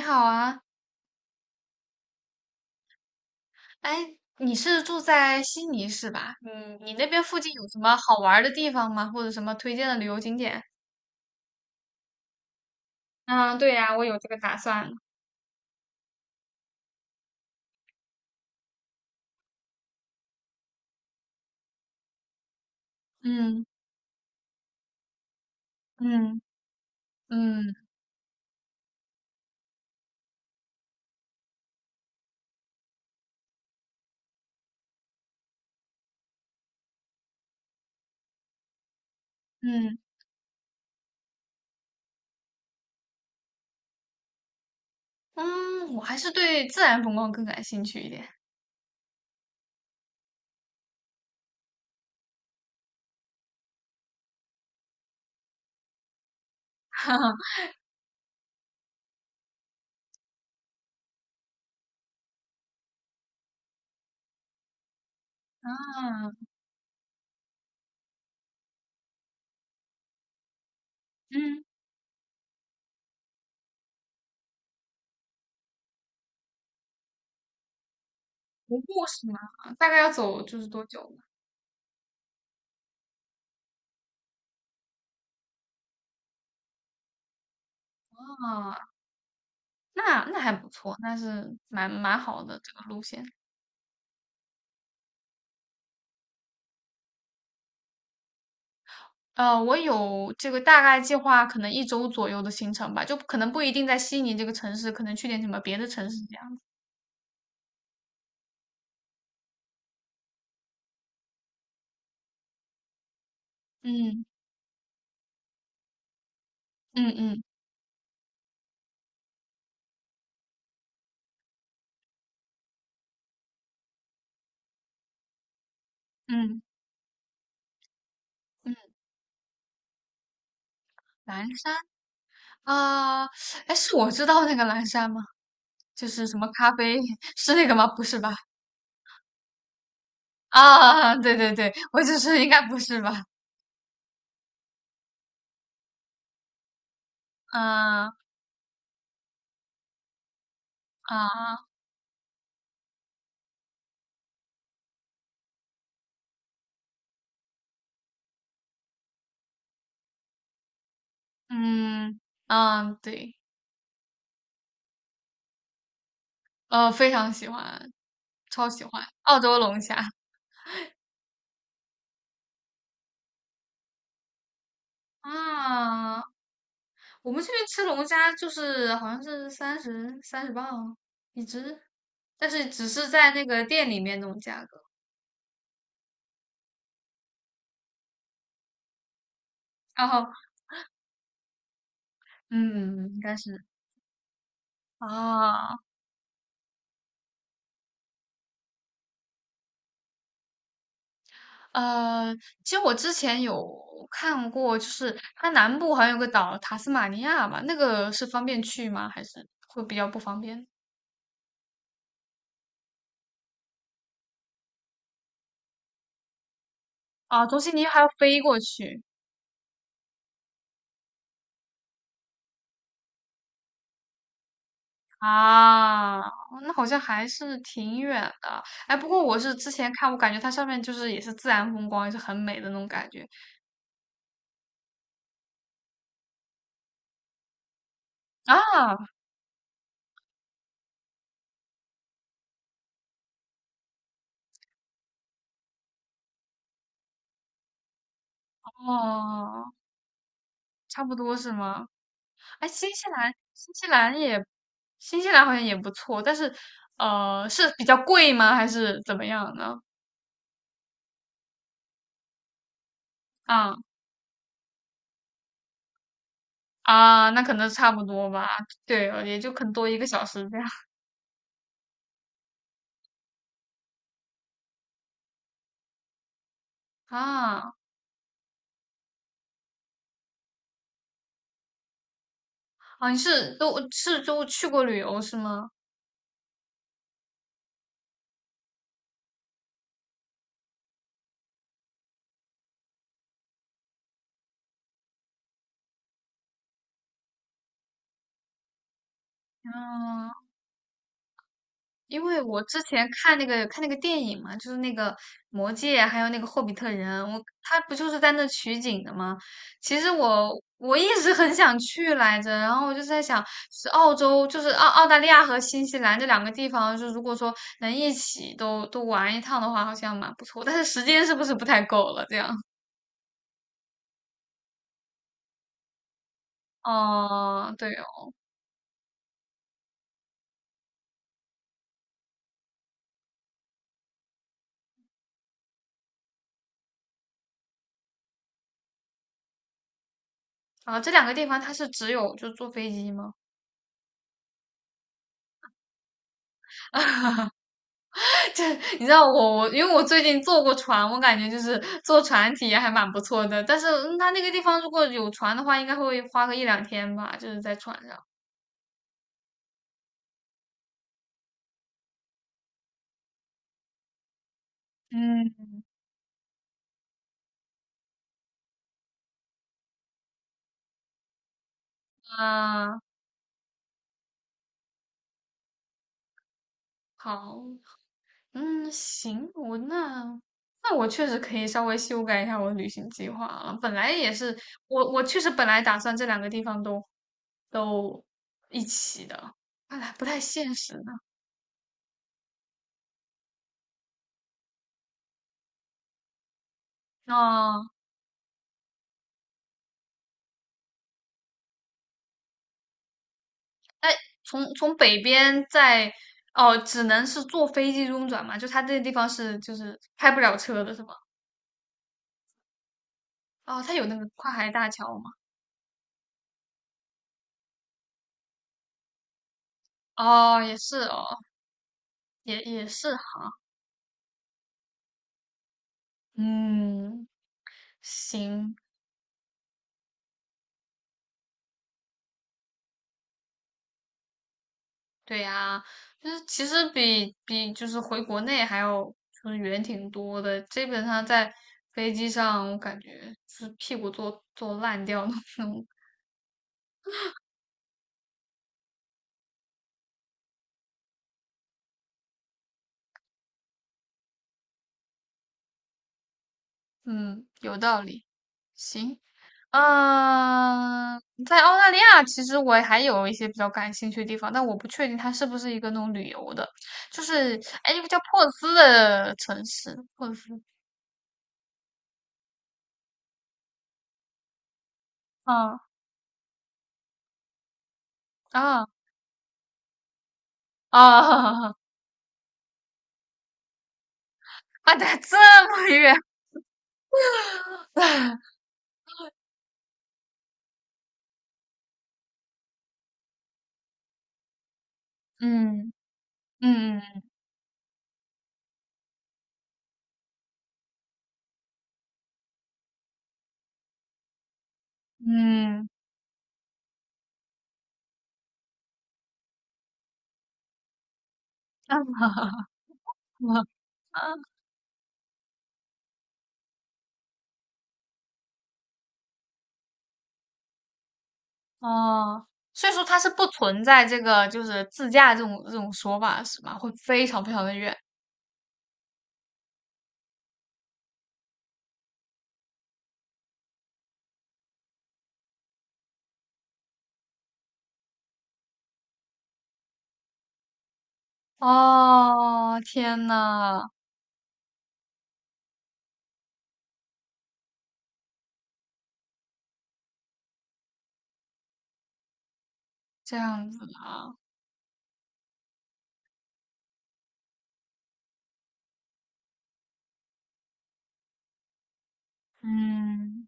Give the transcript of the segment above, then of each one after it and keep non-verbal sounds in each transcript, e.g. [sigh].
你好啊。哎，你是住在悉尼是吧？嗯，你那边附近有什么好玩儿的地方吗？或者什么推荐的旅游景点？嗯，对呀，我有这个打算。嗯嗯嗯嗯嗯。我还是对自然风光更感兴趣一点。[laughs] 哈哈。啊。嗯，徒步是吗？大概要走就是多久呢？啊，那还不错，那是蛮好的这个路线。我有这个大概计划，可能一周左右的行程吧，就可能不一定在悉尼这个城市，可能去点什么别的城市这样。嗯嗯嗯嗯嗯。蓝山啊。哎，是我知道那个蓝山吗？就是什么咖啡，[laughs] 是那个吗？不是吧？啊，对对对，我只是应该不是吧？嗯。啊。嗯嗯。对。非常喜欢，超喜欢澳洲龙虾。啊，我们这边吃龙虾就是好像是三十磅一只，但是只是在那个店里面那种价格。然后，嗯，应该是。啊。呃，其实我之前有看过，就是它南部好像有个岛塔斯马尼亚吧，那个是方便去吗？还是会比较不方便？啊，从悉尼还要飞过去。啊，哦那好像还是挺远的。哎，不过我是之前看，我感觉它上面就是也是自然风光，也是很美的那种感觉啊。哦，差不多是吗？哎，新西兰好像也不错，但是是比较贵吗？还是怎么样呢？啊。啊，那可能差不多吧。对，也就可能多一个小时这样。啊。啊，你是都是都去过旅游是吗？嗯。因为我之前看那个电影嘛，就是那个《魔戒》啊，还有那个《霍比特人》，我他不就是在那取景的吗？其实我一直很想去来着，然后我就在想，是澳洲，就是澳大利亚和新西兰这两个地方，就如果说能一起都玩一趟的话，好像蛮不错。但是时间是不是不太够了？这样，哦、对哦。啊，这两个地方它是只有就坐飞机吗？你知道我因为我最近坐过船，我感觉就是坐船体验还蛮不错的。但是嗯它那个地方如果有船的话，应该会花个一两天吧，就是在船上。嗯。啊。好。嗯，行，我那那我确实可以稍微修改一下我的旅行计划了。本来也是，我确实本来打算这两个地方都一起的，看来不太现实呢。哦。那从北边在哦，只能是坐飞机中转嘛？就它这个地方是就是开不了车的是吗？哦，它有那个跨海大桥吗？哦，也是哦。也是哈。嗯，行。对呀，就是其实比就是回国内还要就是远挺多的，基本上在飞机上我感觉是屁股坐烂掉的那种。嗯，有道理，行。嗯，在澳大利亚，其实我还有一些比较感兴趣的地方，但我不确定它是不是一个那种旅游的，就是哎，一个叫珀斯的城市，珀斯。啊啊啊 [laughs] 啊，对，这么远。嗯嗯嗯。啊 [laughs] 哦，所以说它是不存在这个就是自驾这种说法是吗？会非常非常的远。哦，天呐。这样子啊。嗯，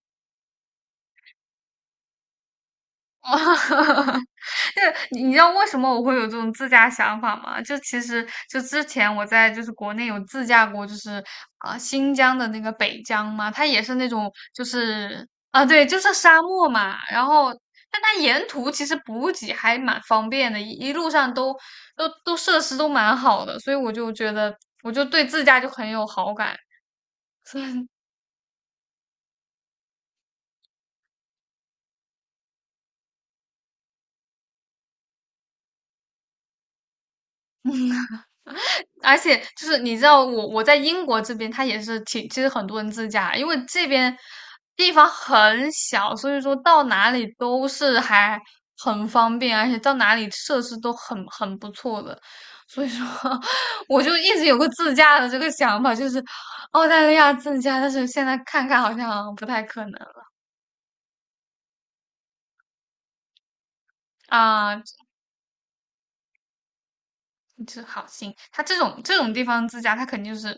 [laughs] 那你知道为什么我会有这种自驾想法吗？就其实就之前我在就是国内有自驾过，就是啊、新疆的那个北疆嘛，它也是那种就是啊、对，就是沙漠嘛。然后但它沿途其实补给还蛮方便的，一路上都设施都蛮好的，所以我就觉得我就对自驾就很有好感。[laughs] 而且就是你知道我在英国这边，它也是挺，其实很多人自驾，因为这边地方很小，所以说到哪里都是还很方便，而且到哪里设施都很不错的。所以说，[laughs] 我就一直有个自驾的这个想法，就是澳大利亚自驾，但是现在看看好像不太可能啊。就是好心，它这种地方自驾，它肯定就是，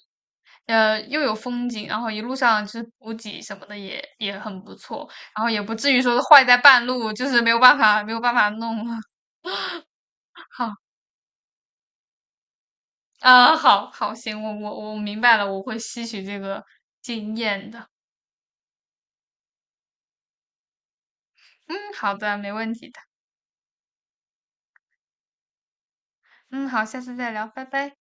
又有风景，然后一路上就是补给什么的也很不错，然后也不至于说是坏在半路，就是没有办法弄了。[laughs] 好，好行，我明白了，我会吸取这个经验的。嗯，好的，没问题的。嗯，好，下次再聊，拜拜。